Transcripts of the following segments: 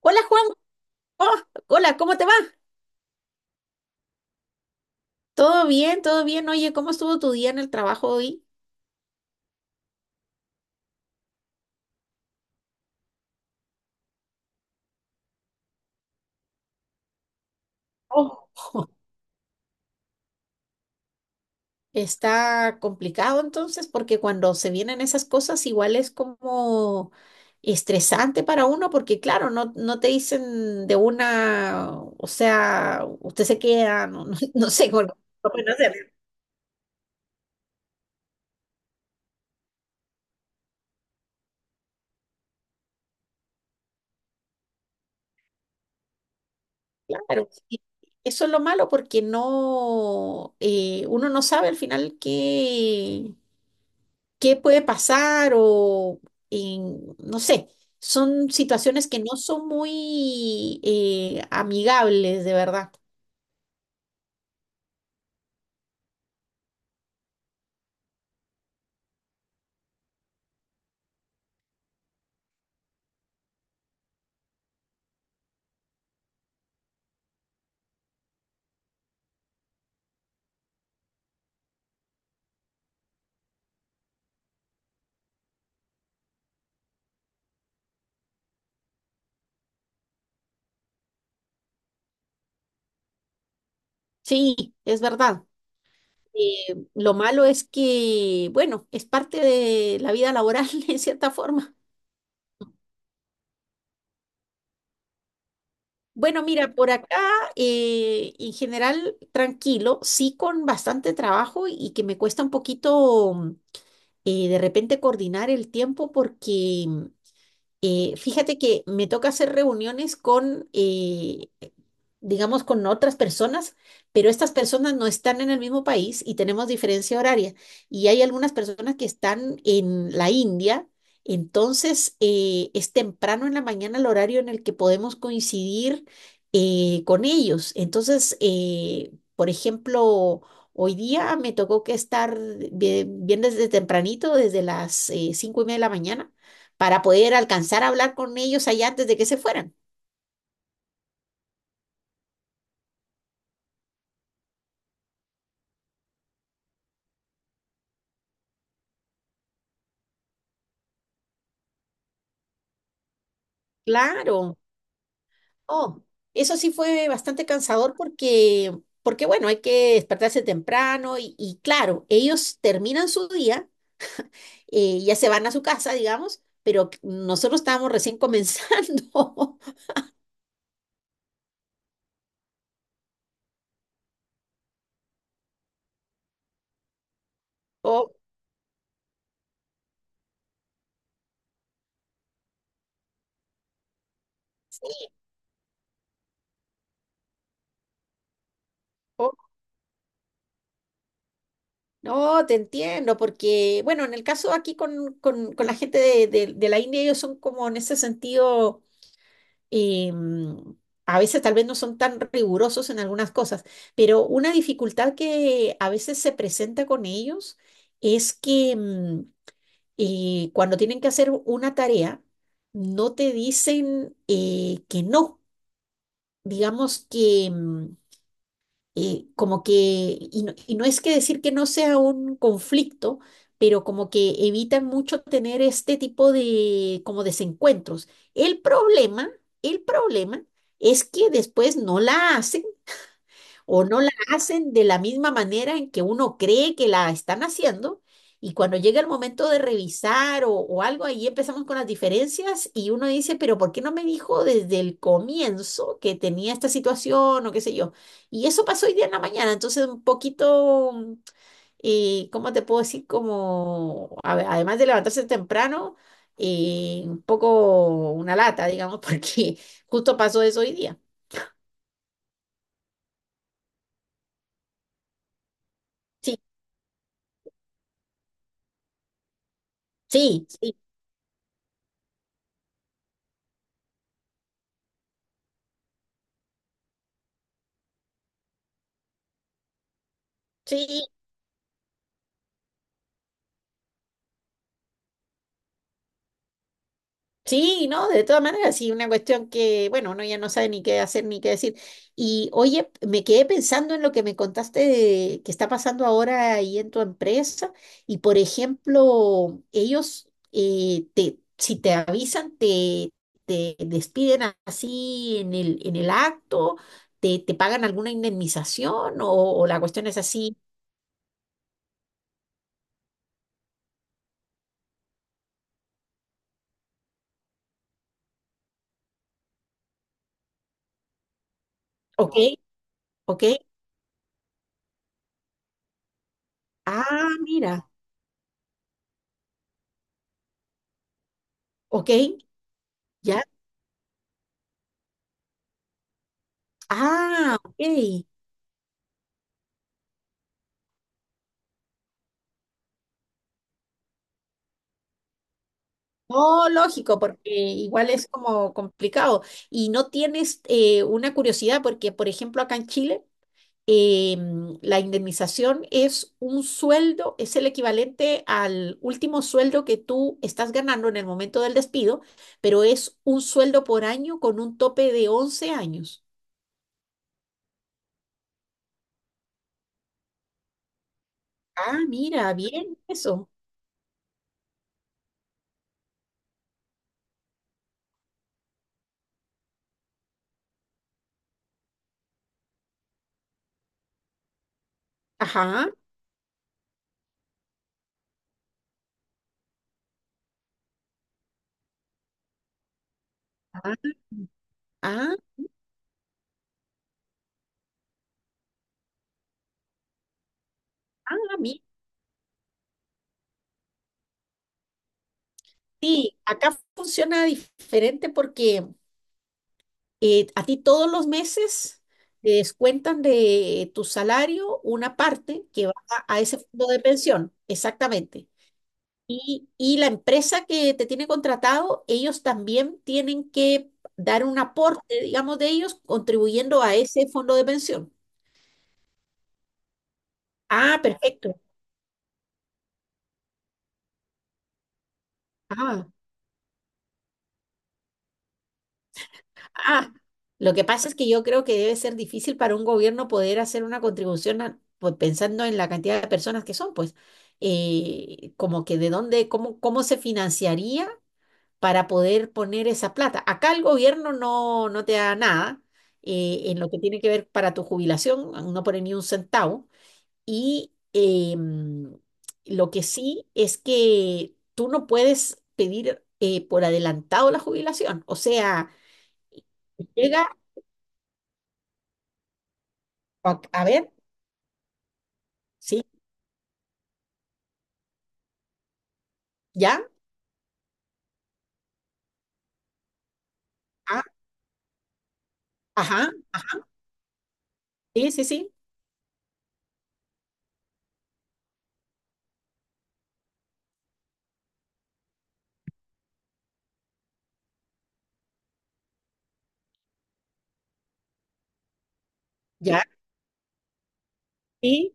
Hola Juan. Oh, hola, ¿cómo te va? ¿Todo bien? ¿Todo bien? Oye, ¿cómo estuvo tu día en el trabajo hoy? Oh, Está complicado entonces porque cuando se vienen esas cosas igual es como estresante para uno porque claro, no, no te dicen de una, o sea, usted se queda, no, no, no sé, con lo pueden hacer. Claro, sí. Eso es lo malo porque no, uno no sabe al final qué puede pasar o no sé, son situaciones que no son muy amigables, de verdad. Sí, es verdad. Lo malo es que, bueno, es parte de la vida laboral en cierta forma. Bueno, mira, por acá en general tranquilo, sí con bastante trabajo y que me cuesta un poquito de repente coordinar el tiempo porque fíjate que me toca hacer reuniones con, digamos, con otras personas, pero estas personas no están en el mismo país y tenemos diferencia horaria. Y hay algunas personas que están en la India, entonces es temprano en la mañana el horario en el que podemos coincidir con ellos. Entonces, por ejemplo. Hoy día me tocó que estar bien, bien desde tempranito, desde las 5:30 de la mañana, para poder alcanzar a hablar con ellos allá antes de que se fueran. Claro. Oh, eso sí fue bastante cansador porque, bueno, hay que despertarse temprano y claro, ellos terminan su día, ya se van a su casa, digamos, pero nosotros estábamos recién comenzando. Oh, sí, oh. No, te entiendo, porque, bueno, en el caso aquí con, con la gente de de la India, ellos son como en ese sentido eh, a veces tal vez no son tan rigurosos en algunas cosas, pero una dificultad que a veces se presenta con ellos es que cuando tienen que hacer una tarea, no te dicen que no. Digamos que como que, y no es que decir que no sea un conflicto, pero como que evitan mucho tener este tipo de como desencuentros. El problema, el problema es que después no la hacen o no la hacen de la misma manera en que uno cree que la están haciendo. Y cuando llega el momento de revisar o algo, ahí empezamos con las diferencias y uno dice, pero ¿por qué no me dijo desde el comienzo que tenía esta situación o qué sé yo? Y eso pasó hoy día en la mañana, entonces un poquito, ¿cómo te puedo decir? Como, además de levantarse temprano, un poco una lata, digamos, porque justo pasó eso hoy día. Sí, sí, sí, sí, sí, no, de todas maneras, sí, una cuestión que, bueno, uno ya no sabe ni qué hacer ni qué decir. Y oye, me quedé pensando en lo que me contaste de que está pasando ahora ahí en tu empresa. Y por ejemplo, ellos, si te avisan, te despiden así en el acto, te pagan alguna indemnización o la cuestión es así. Ok, ok. Ah, mira, ok, ya. Ah, ok. No, lógico, porque igual es como complicado. Y no tienes una curiosidad, porque por ejemplo acá en Chile la indemnización es un sueldo, es el equivalente al último sueldo que tú estás ganando en el momento del despido, pero es un sueldo por año con un tope de 11 años. Ah, mira, bien eso. Ajá. Ah, ah, ah, mira. Sí, acá funciona diferente porque a ti todos los meses te descuentan de tu salario una parte que va a ese fondo de pensión, exactamente. Y la empresa que te tiene contratado, ellos también tienen que dar un aporte, digamos, de ellos contribuyendo a ese fondo de pensión. Ah, perfecto. Ah. Ah, lo que pasa es que yo creo que debe ser difícil para un gobierno poder hacer una contribución pues, pensando en la cantidad de personas que son, pues, como que de dónde, cómo se financiaría para poder poner esa plata. Acá el gobierno no, no te da nada en lo que tiene que ver para tu jubilación, no pone ni un centavo. Y lo que sí es que tú no puedes pedir por adelantado la jubilación. O sea, llega, a ver. Sí, ya, ah, ajá, ajá, sí, sí, sí, ya, sí,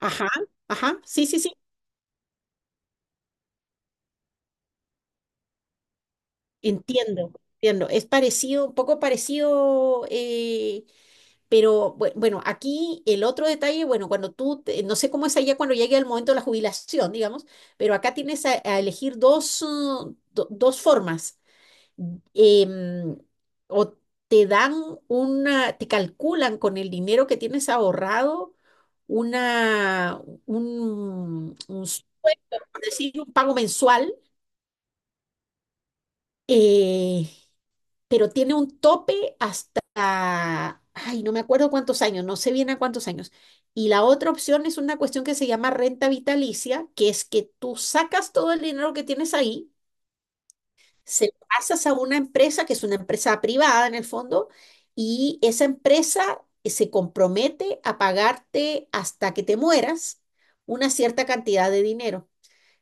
ajá, ajá, sí, sí, sí, entiendo, entiendo. Es parecido, un poco parecido, pero bueno, aquí el otro detalle, bueno, cuando tú, no sé cómo es allá cuando llegue el momento de la jubilación, digamos, pero acá tienes a, elegir dos, dos formas. Em, o te dan una, te calculan con el dinero que tienes ahorrado una, un sueldo, por decir, un pago mensual, eh, pero tiene un tope hasta, ay, no me acuerdo cuántos años, no sé bien a cuántos años. Y la otra opción es una cuestión que se llama renta vitalicia, que es que tú sacas todo el dinero que tienes ahí se lo pasas a una empresa que es una empresa privada en el fondo, y esa empresa se compromete a pagarte hasta que te mueras una cierta cantidad de dinero.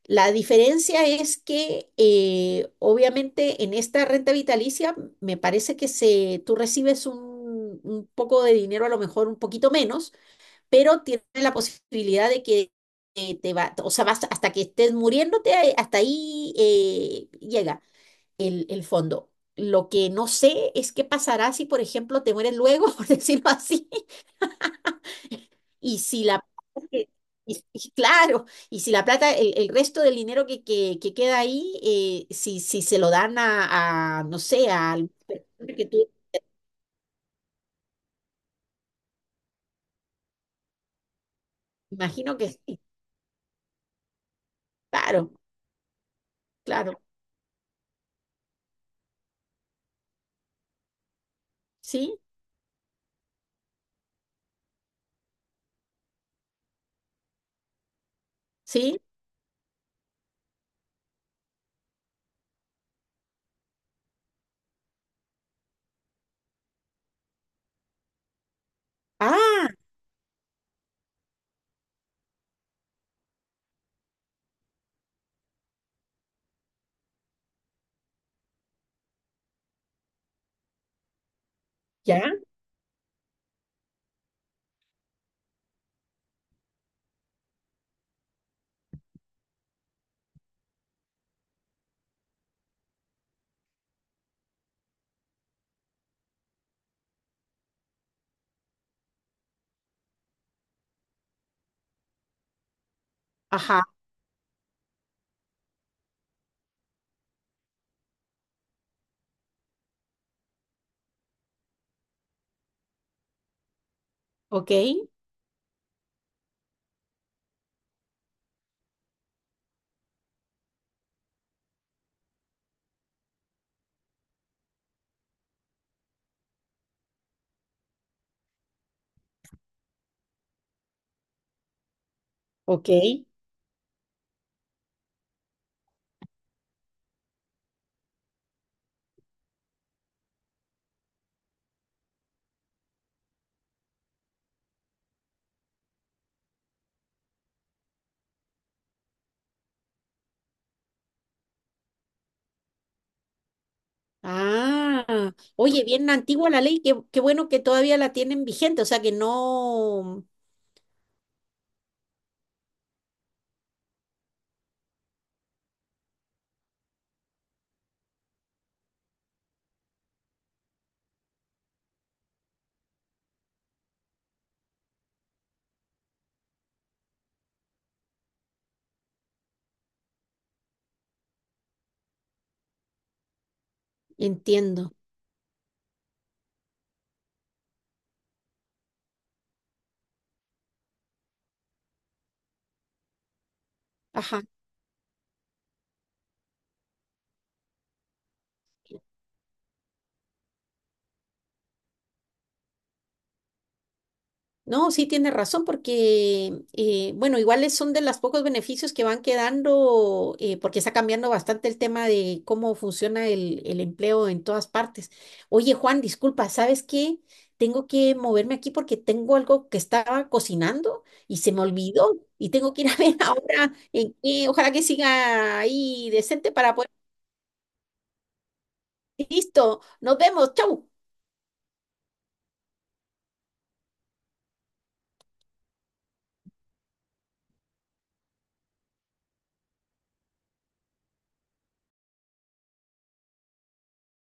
La diferencia es que obviamente en esta renta vitalicia me parece tú recibes un poco de dinero, a lo mejor un poquito menos, pero tienes la posibilidad de que te va, o sea, vas hasta que estés muriéndote, hasta ahí llega el fondo. Lo que no sé es qué pasará si, por ejemplo, te mueres luego, por decirlo así, y si la. que- y claro, y si la plata, el resto del dinero que queda ahí, si se lo dan a, no sé, a alguna persona que tú imagino que sí, claro, claro, sí, sí, ah, ya, ajá, ok, ok, ah, oye, bien antigua la ley, qué bueno que todavía la tienen vigente, o sea que no. Entiendo. Ajá. No, sí tiene razón porque, bueno, iguales son de los pocos beneficios que van quedando porque está cambiando bastante el tema de cómo funciona el empleo en todas partes. Oye, Juan, disculpa, ¿sabes qué? Tengo que moverme aquí porque tengo algo que estaba cocinando y se me olvidó y tengo que ir a ver ahora en qué, ojalá que siga ahí decente para poder. Listo, nos vemos, chau.